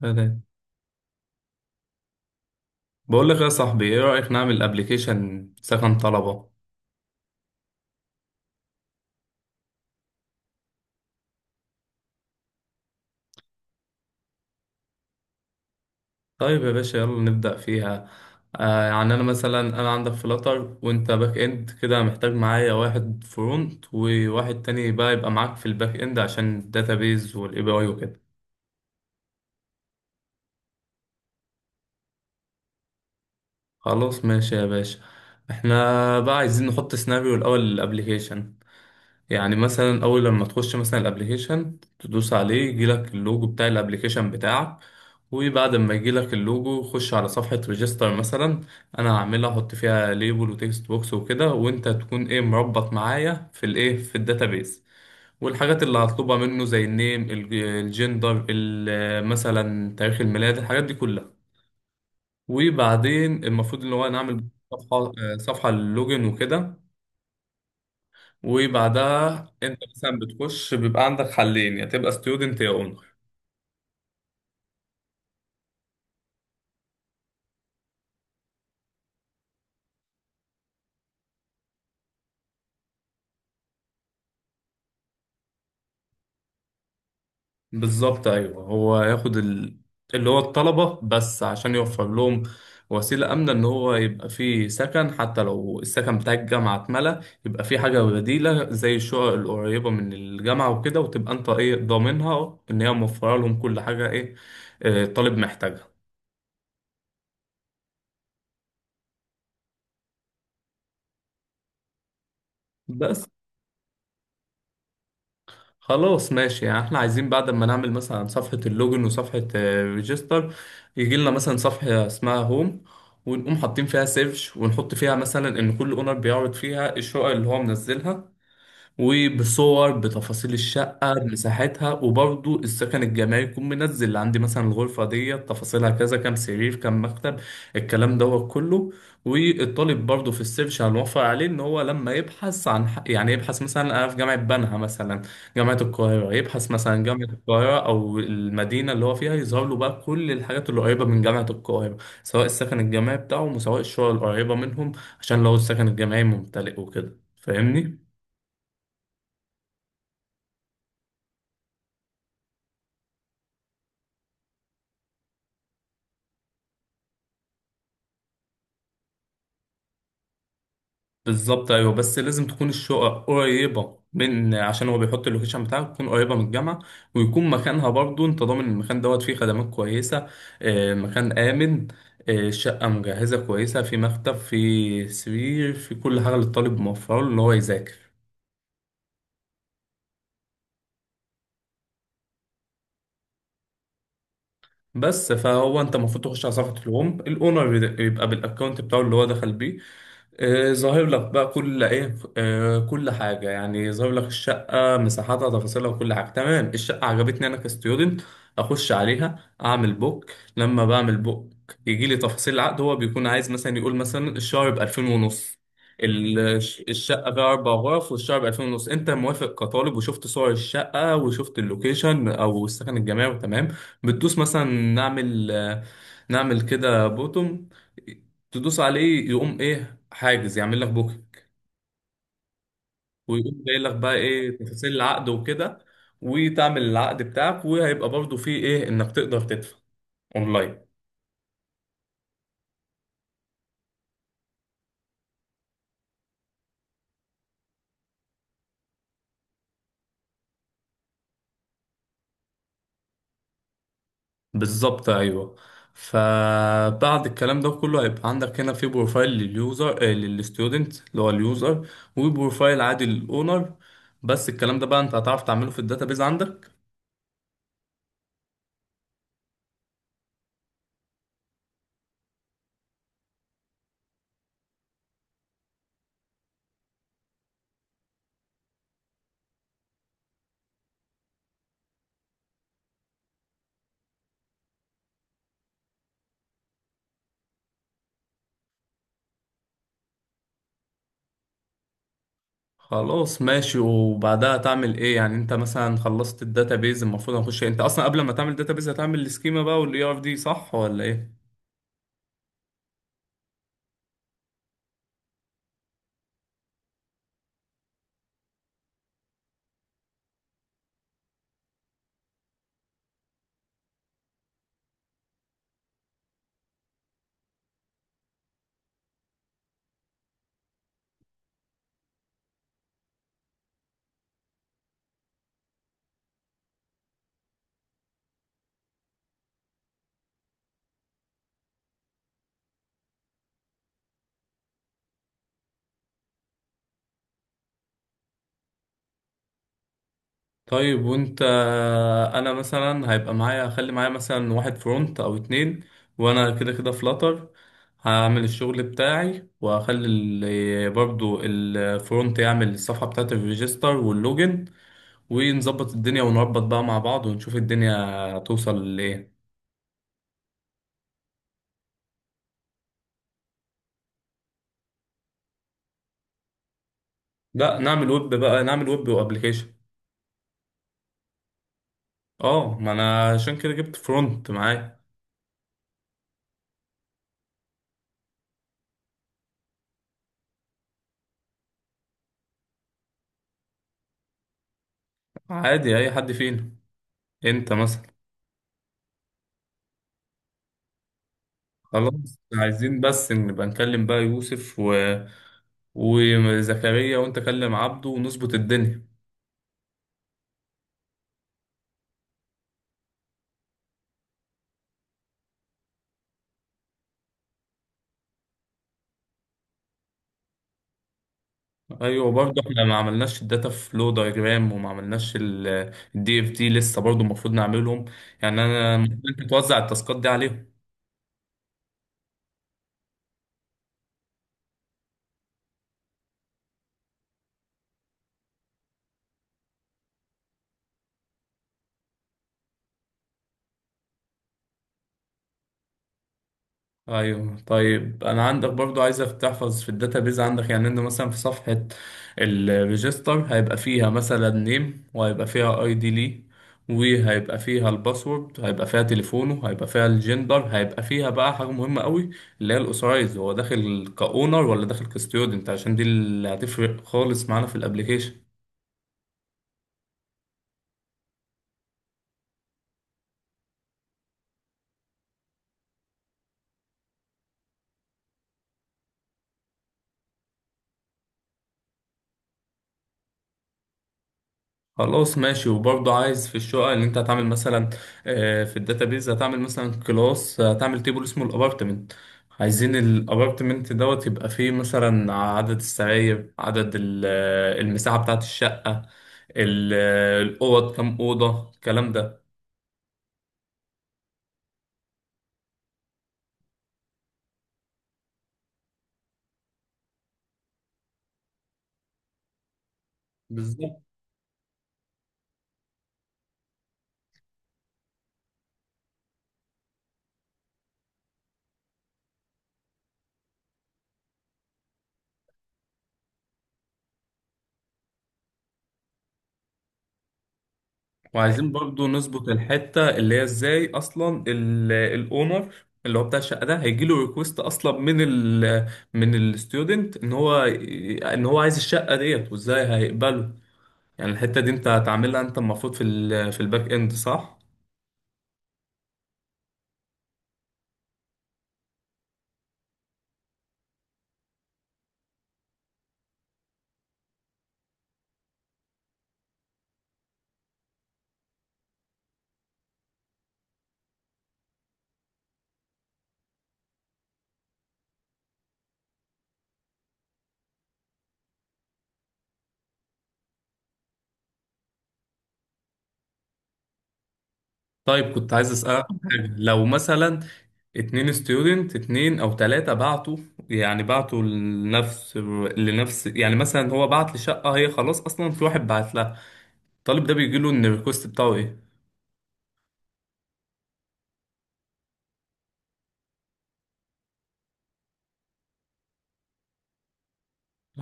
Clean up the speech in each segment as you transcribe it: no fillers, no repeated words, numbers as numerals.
تمام. بقول لك يا صاحبي، ايه رأيك نعمل ابلكيشن سكن طلبة؟ طيب يا باشا، يلا نبدأ فيها. يعني انا عندك فلاتر، وانت باك اند كده. محتاج معايا واحد فرونت وواحد تاني بقى، يبقى معاك في الباك اند عشان الداتابيز والاي بي اي وكده. خلاص ماشي يا باشا. احنا بقى عايزين نحط سيناريو الاول للابلكيشن. يعني مثلا اول لما تخش مثلا الابليكيشن تدوس عليه، يجيلك اللوجو بتاع الابليكيشن بتاعك. وبعد ما يجيلك اللوجو، خش على صفحة ريجستر مثلا. انا هعملها، احط فيها ليبل وتكست بوكس وكده، وانت تكون ايه مربط معايا في الايه في الداتابيز. والحاجات اللي هطلبها منه زي النيم، الجندر، مثلا تاريخ الميلاد، الحاجات دي كلها. وبعدين المفروض ان هو نعمل صفحة صفحة اللوجن وكده. وبعدها انت مثلا بتخش بيبقى عندك حلين، يا تبقى ستودنت يا اونر. بالظبط، ايوه. هو ياخد اللي هو الطلبة بس، عشان يوفر لهم وسيلة آمنة، إن هو يبقى فيه سكن. حتى لو السكن بتاع الجامعة اتملى، يبقى فيه حاجة بديلة زي الشقق القريبة من الجامعة وكده، وتبقى أنت إيه ضامنها إن هي موفرة لهم كل حاجة إيه الطالب محتاجها. بس. خلاص ماشي، يعني احنا عايزين بعد ما نعمل مثلا صفحة اللوجن وصفحة ريجستر، يجي لنا مثلا صفحة اسمها هوم، ونقوم حاطين فيها سيرش، ونحط فيها مثلا ان كل اونر بيعرض فيها الشقق اللي هو منزلها. وبصور، بتفاصيل الشقة، بمساحتها، وبرضو السكن الجماعي يكون منزل. اللي عندي مثلا الغرفة دي تفاصيلها كذا، كام سرير، كام مكتب، الكلام دوت كله. والطالب برضو في السيرش هنوفر عليه ان هو لما يبحث عن يعني يبحث مثلا، انا في جامعة بنها مثلا، جامعة القاهرة، يبحث مثلا جامعة القاهرة او المدينة اللي هو فيها، يظهر له بقى كل الحاجات اللي قريبة من جامعة القاهرة، سواء السكن الجامعي بتاعهم وسواء الشقق القريبة منهم، عشان لو السكن الجامعي ممتلئ وكده. فاهمني؟ بالظبط، ايوه. بس لازم تكون الشقق قريبه، من عشان هو بيحط اللوكيشن بتاعك تكون قريبه من الجامعه، ويكون مكانها برضو انت ضامن المكان دوت فيه خدمات كويسه، مكان امن، شقه مجهزه كويسه، في مكتب، في سرير، في كل حاجه للطالب، موفره له ان هو يذاكر. بس فهو انت المفروض تخش على صفحه الهوم الاونر، يبقى بالاكونت بتاعه اللي هو دخل بيه، ظاهر لك بقى كل ايه، كل حاجه، يعني ظاهر لك الشقه، مساحاتها، تفاصيلها، وكل حاجه. تمام، الشقه عجبتني انا كستودنت، اخش عليها اعمل بوك. لما بعمل بوك يجي لي تفاصيل العقد. هو بيكون عايز مثلا يقول مثلا الشهر ب 2000 ونص، ال- الشقه فيها اربع غرف، والشهر ب 2000 ونص، انت موافق كطالب، وشفت صور الشقه وشفت اللوكيشن او السكن الجامعي؟ تمام. بتدوس مثلا، نعمل آه، نعمل كده بوتوم، تدوس عليه يقوم ايه؟ حاجز، يعمل لك بوكينج، ويقوم جاي لك بقى ايه تفاصيل العقد وكده، وتعمل العقد بتاعك. وهيبقى برضو فيه ايه، انك تقدر تدفع اونلاين. بالظبط، ايوه. فبعد الكلام ده كله هيبقى عندك هنا في بروفايل لليوزر، آه، للستودنت اللي هو اليوزر، وبروفايل عادي للاونر. بس الكلام ده بقى انت هتعرف تعمله في الداتابيز عندك؟ خلاص ماشي. وبعدها تعمل ايه يعني؟ انت مثلا خلصت الداتابيز، المفروض هنخش إيه؟ انت اصلا قبل ما تعمل الداتابيز هتعمل السكيما بقى والاي ار دي، صح ولا ايه؟ طيب وانت، انا مثلا هيبقى معايا، هخلي معايا مثلا واحد فرونت او اتنين، وانا كده كده فلاتر، هعمل الشغل بتاعي، وهخلي برضو الفرونت يعمل الصفحة بتاعت الريجستر واللوجن، ونظبط الدنيا، ونربط بقى مع بعض، ونشوف الدنيا توصل لايه. لا، نعمل ويب بقى، نعمل ويب وابليكيشن. اه، ما انا عشان كده جبت فرونت معايا. عادي، اي حد فينا، انت مثلا. خلاص، عايزين بس نبقى نكلم بقى يوسف و وزكريا، وانت كلم عبده ونظبط الدنيا. ايوه برضه، احنا ما عملناش الداتا فلو دايجرام، وما عملناش الدي اف دي لسه، برضه المفروض نعملهم. يعني انا المفروض انت توزع التاسكات دي عليهم. ايوه. طيب انا عندك برضو، عايزك تحفظ في الداتابيز عندك. يعني انت مثلا في صفحه الريجستر هيبقى فيها مثلا نيم، وهيبقى فيها اي دي ليه، وهيبقى فيها الباسورد، هيبقى فيها تليفونه، هيبقى فيها الجندر، هيبقى فيها بقى حاجه مهمه قوي، اللي هي الاوثرايز، هو داخل كاونر ولا داخل كستيودنت، عشان دي اللي هتفرق خالص معانا في الابليكيشن. خلاص ماشي. وبرضه عايز في الشقة اللي انت هتعمل مثلا، في الداتابيز هتعمل مثلا كلاس، هتعمل تيبل اسمه الابارتمنت. عايزين الابارتمنت دوت يبقى فيه مثلا عدد السراير، عدد المساحة بتاعة الشقة، الأوض، كام أوضة، الكلام ده. بالظبط. وعايزين برضو نظبط الحتة اللي هي ازاي اصلا الاونر اللي هو بتاع الشقة ده هيجيله ريكوست اصلا، من من الستودنت، ان هو عايز الشقة ديت، وازاي هيقبله. يعني الحتة دي انت هتعملها، انت المفروض في في الباك اند، صح؟ طيب، كنت عايز اسألك عن حاجة. لو مثلا اتنين ستودنت، اتنين او تلاتة بعتوا، يعني بعتوا لنفس يعني مثلا هو بعت لشقة هي خلاص اصلا في واحد بعت لها، الطالب ده بيجيله ان الريكوست بتاعه ايه؟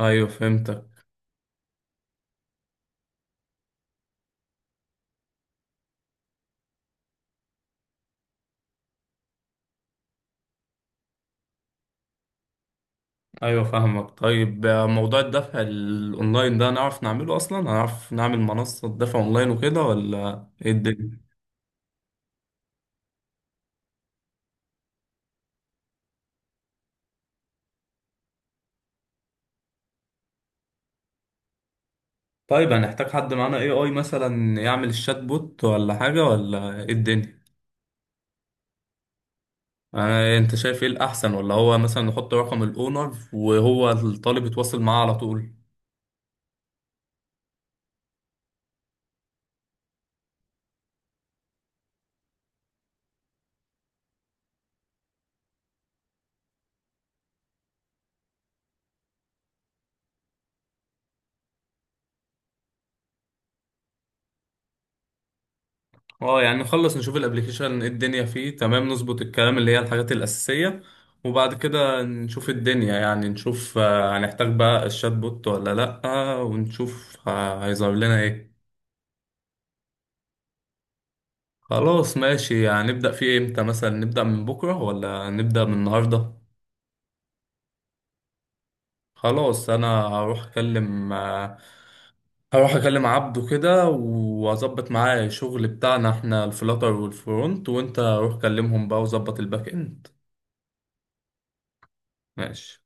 ايوه، فهمتك. ايوه، فاهمك. طيب، موضوع الدفع الاونلاين ده نعرف نعمله اصلا؟ هنعرف نعمل منصة دفع اونلاين وكده ولا ايه الدنيا؟ طيب، هنحتاج حد معانا اي مثلا يعمل الشات بوت ولا حاجة ولا ايه الدنيا؟ انت شايف ايه الاحسن، ولا هو مثلا نحط رقم الاونر وهو الطالب يتواصل معاه على طول؟ اه، يعني نخلص نشوف الابليكيشن ايه الدنيا فيه، تمام نظبط الكلام اللي هي الحاجات الأساسية، وبعد كده نشوف الدنيا، يعني نشوف هنحتاج بقى الشات بوت ولا لأ، ونشوف هيظهر لنا ايه. خلاص ماشي. يعني نبدأ فيه امتى؟ مثلا نبدأ من بكرة ولا نبدأ من النهاردة؟ خلاص، انا هروح اكلم عبده كده، واظبط معاه الشغل بتاعنا احنا، الفلاتر والفرونت، وانت روح كلمهم بقى، وظبط الباك اند. ماشي.